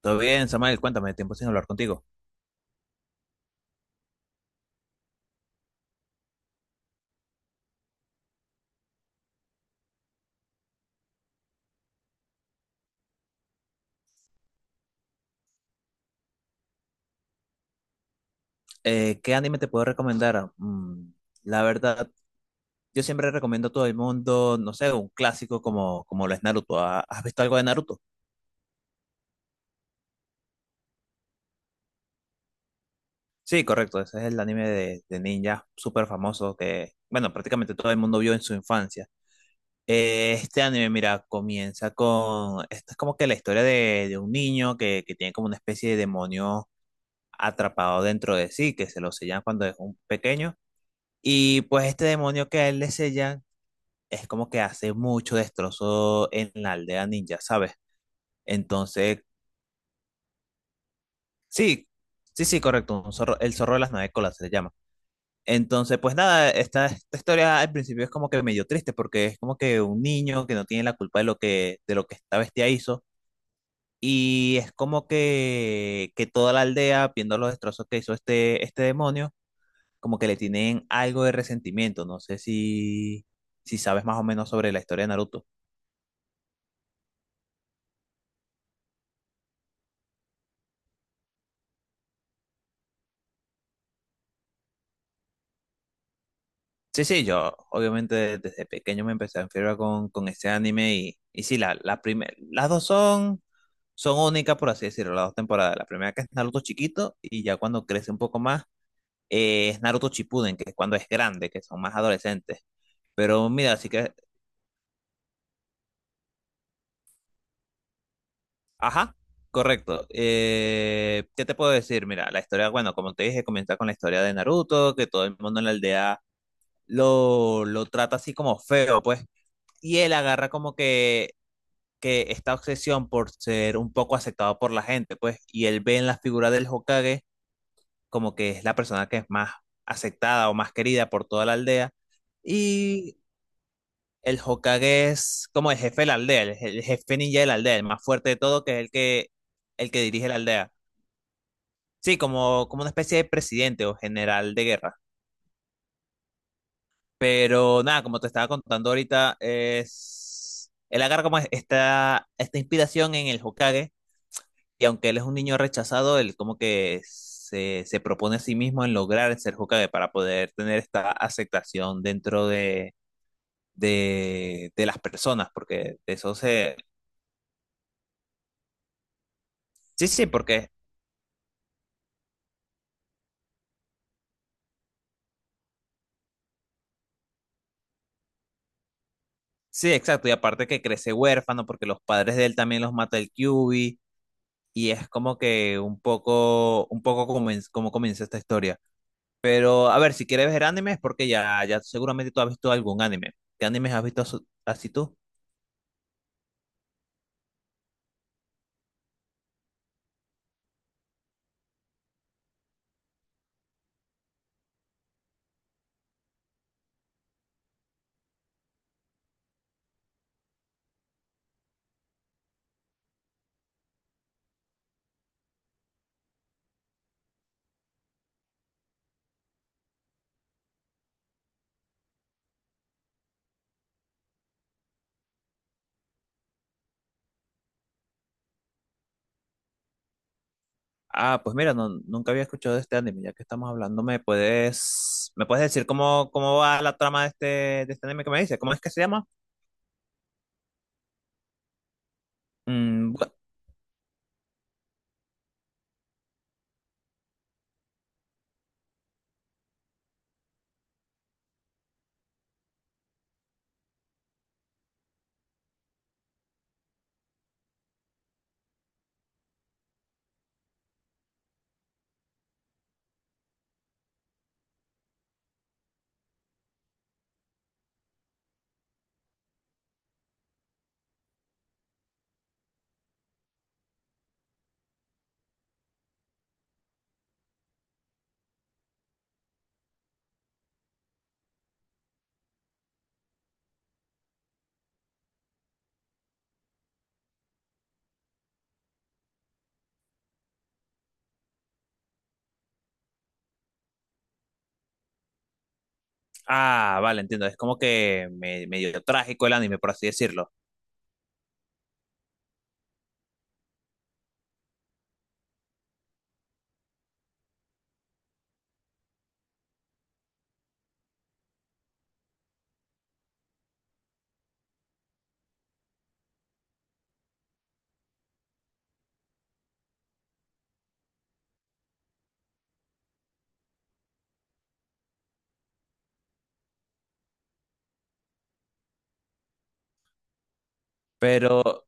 Todo bien, Samuel, cuéntame, tiempo sin hablar contigo. ¿Qué anime te puedo recomendar? La verdad, yo siempre recomiendo a todo el mundo, no sé, un clásico como lo es Naruto. ¿Has visto algo de Naruto? Sí, correcto, ese es el anime de ninja súper famoso que, bueno, prácticamente todo el mundo vio en su infancia. Este anime, mira, comienza con, esta es como que la historia de un niño que tiene como una especie de demonio atrapado dentro de sí, que se lo sellan cuando es un pequeño. Y pues este demonio que a él le sellan es como que hace mucho destrozo en la aldea ninja, ¿sabes? Entonces, sí, sí, sí, correcto, un zorro, el zorro de las nueve colas se le llama. Entonces, pues nada, esta historia al principio es como que medio triste porque es como que un niño que no tiene la culpa de lo de lo que esta bestia hizo y es como que toda la aldea, viendo los destrozos que hizo este demonio, como que le tienen algo de resentimiento. No sé si sabes más o menos sobre la historia de Naruto. Sí, sí, yo obviamente desde pequeño me empecé a enfermar con este anime y sí, las dos son, son únicas, por así decirlo, las dos temporadas. La primera que es Naruto chiquito y ya cuando crece un poco más es Naruto Shippuden, que es cuando es grande, que son más adolescentes. Pero mira, así que, ajá, correcto. ¿Qué te puedo decir? Mira, la historia, bueno, como te dije, comienza con la historia de Naruto, que todo el mundo en la aldea lo trata así como feo, pues. Y él agarra como que esta obsesión por ser un poco aceptado por la gente, pues, y él ve en la figura del Hokage como que es la persona que es más aceptada o más querida por toda la aldea, y el Hokage es como el jefe de la aldea, el jefe ninja de la aldea, el más fuerte de todo, que es el el que dirige la aldea. Sí, como una especie de presidente o general de guerra. Pero nada, como te estaba contando ahorita, es él agarra como esta inspiración en el Hokage y aunque él es un niño rechazado, él como que se propone a sí mismo en lograr ser Hokage para poder tener esta aceptación dentro de las personas, porque de eso se... Sí, sí, porque... Sí, exacto, y aparte que crece huérfano porque los padres de él también los mata el Kyuubi y es como que un poco como, como comienza esta historia. Pero a ver, si quieres ver animes es porque ya seguramente tú has visto algún anime. ¿Qué animes has visto así tú? Ah, pues mira, nunca había escuchado de este anime, ya que estamos hablando, ¿me puedes decir cómo, cómo va la trama de este anime que me dice? ¿Cómo es que se llama? Mm, bu- ah, vale, entiendo, es como que medio trágico el anime, por así decirlo. Pero,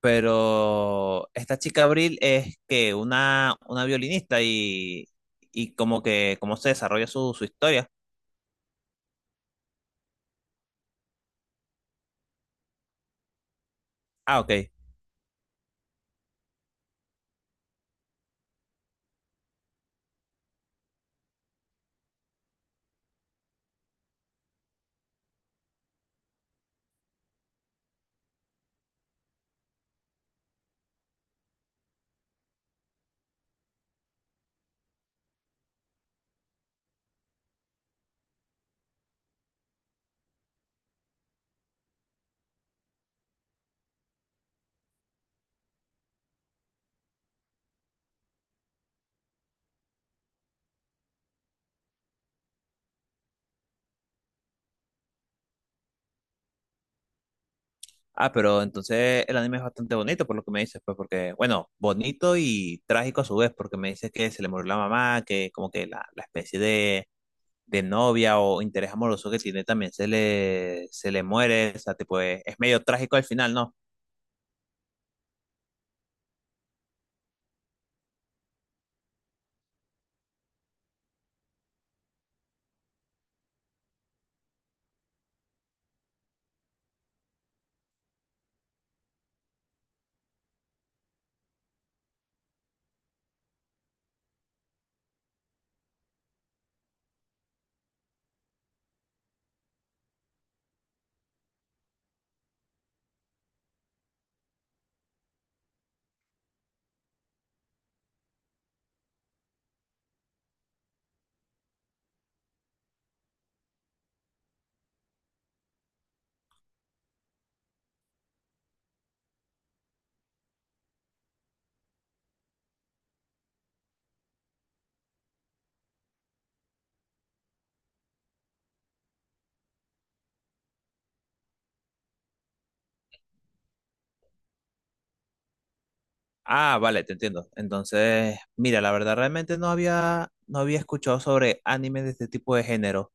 pero esta chica Abril es que una violinista y como que cómo se desarrolla su, su historia. Ah, ok. Ah, pero entonces el anime es bastante bonito por lo que me dices, pues porque, bueno, bonito y trágico a su vez, porque me dices que se le murió la mamá, que como que la especie de novia o interés amoroso que tiene también se se le muere, o sea, tipo, es medio trágico al final, ¿no? Ah, vale, te entiendo. Entonces, mira, la verdad realmente no había escuchado sobre animes de este tipo de género.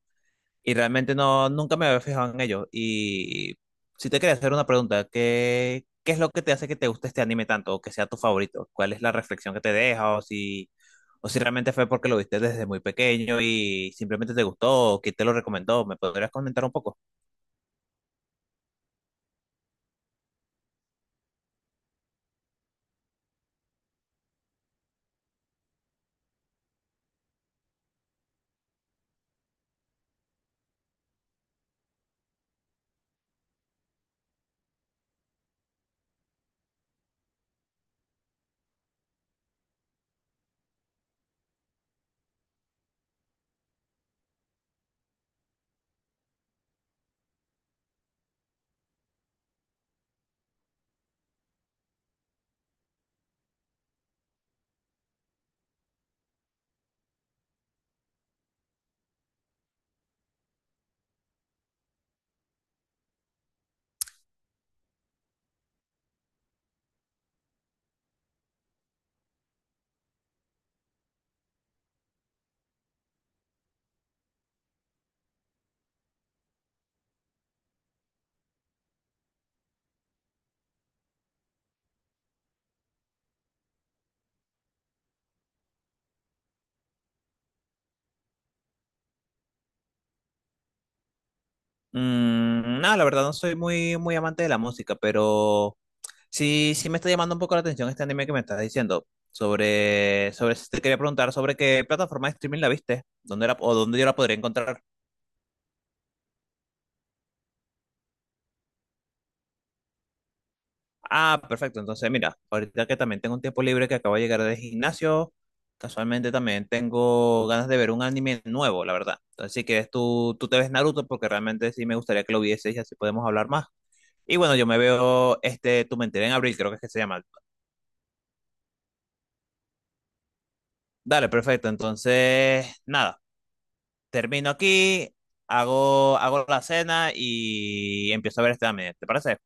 Y realmente no, nunca me había fijado en ello. Y si te quería hacer una pregunta, ¿qué es lo que te hace que te guste este anime tanto o que sea tu favorito? ¿Cuál es la reflexión que te deja o si realmente fue porque lo viste desde muy pequeño y simplemente te gustó o quién te lo recomendó? ¿Me podrías comentar un poco? Mm, no, la verdad no soy muy amante de la música, pero sí, sí me está llamando un poco la atención este anime que me estás diciendo. Sobre, sobre, te quería preguntar sobre qué plataforma de streaming la viste, dónde la, o dónde yo la podría encontrar. Ah, perfecto. Entonces, mira, ahorita que también tengo un tiempo libre que acabo de llegar del gimnasio, casualmente también tengo ganas de ver un anime nuevo, la verdad. Entonces, si quieres, tú te ves Naruto porque realmente sí me gustaría que lo vieses y así podemos hablar más. Y bueno, yo me veo este Tu Mentira en abril, creo que es que se llama. Dale, perfecto. Entonces, nada, termino aquí, hago la cena y empiezo a ver este anime. ¿Te parece?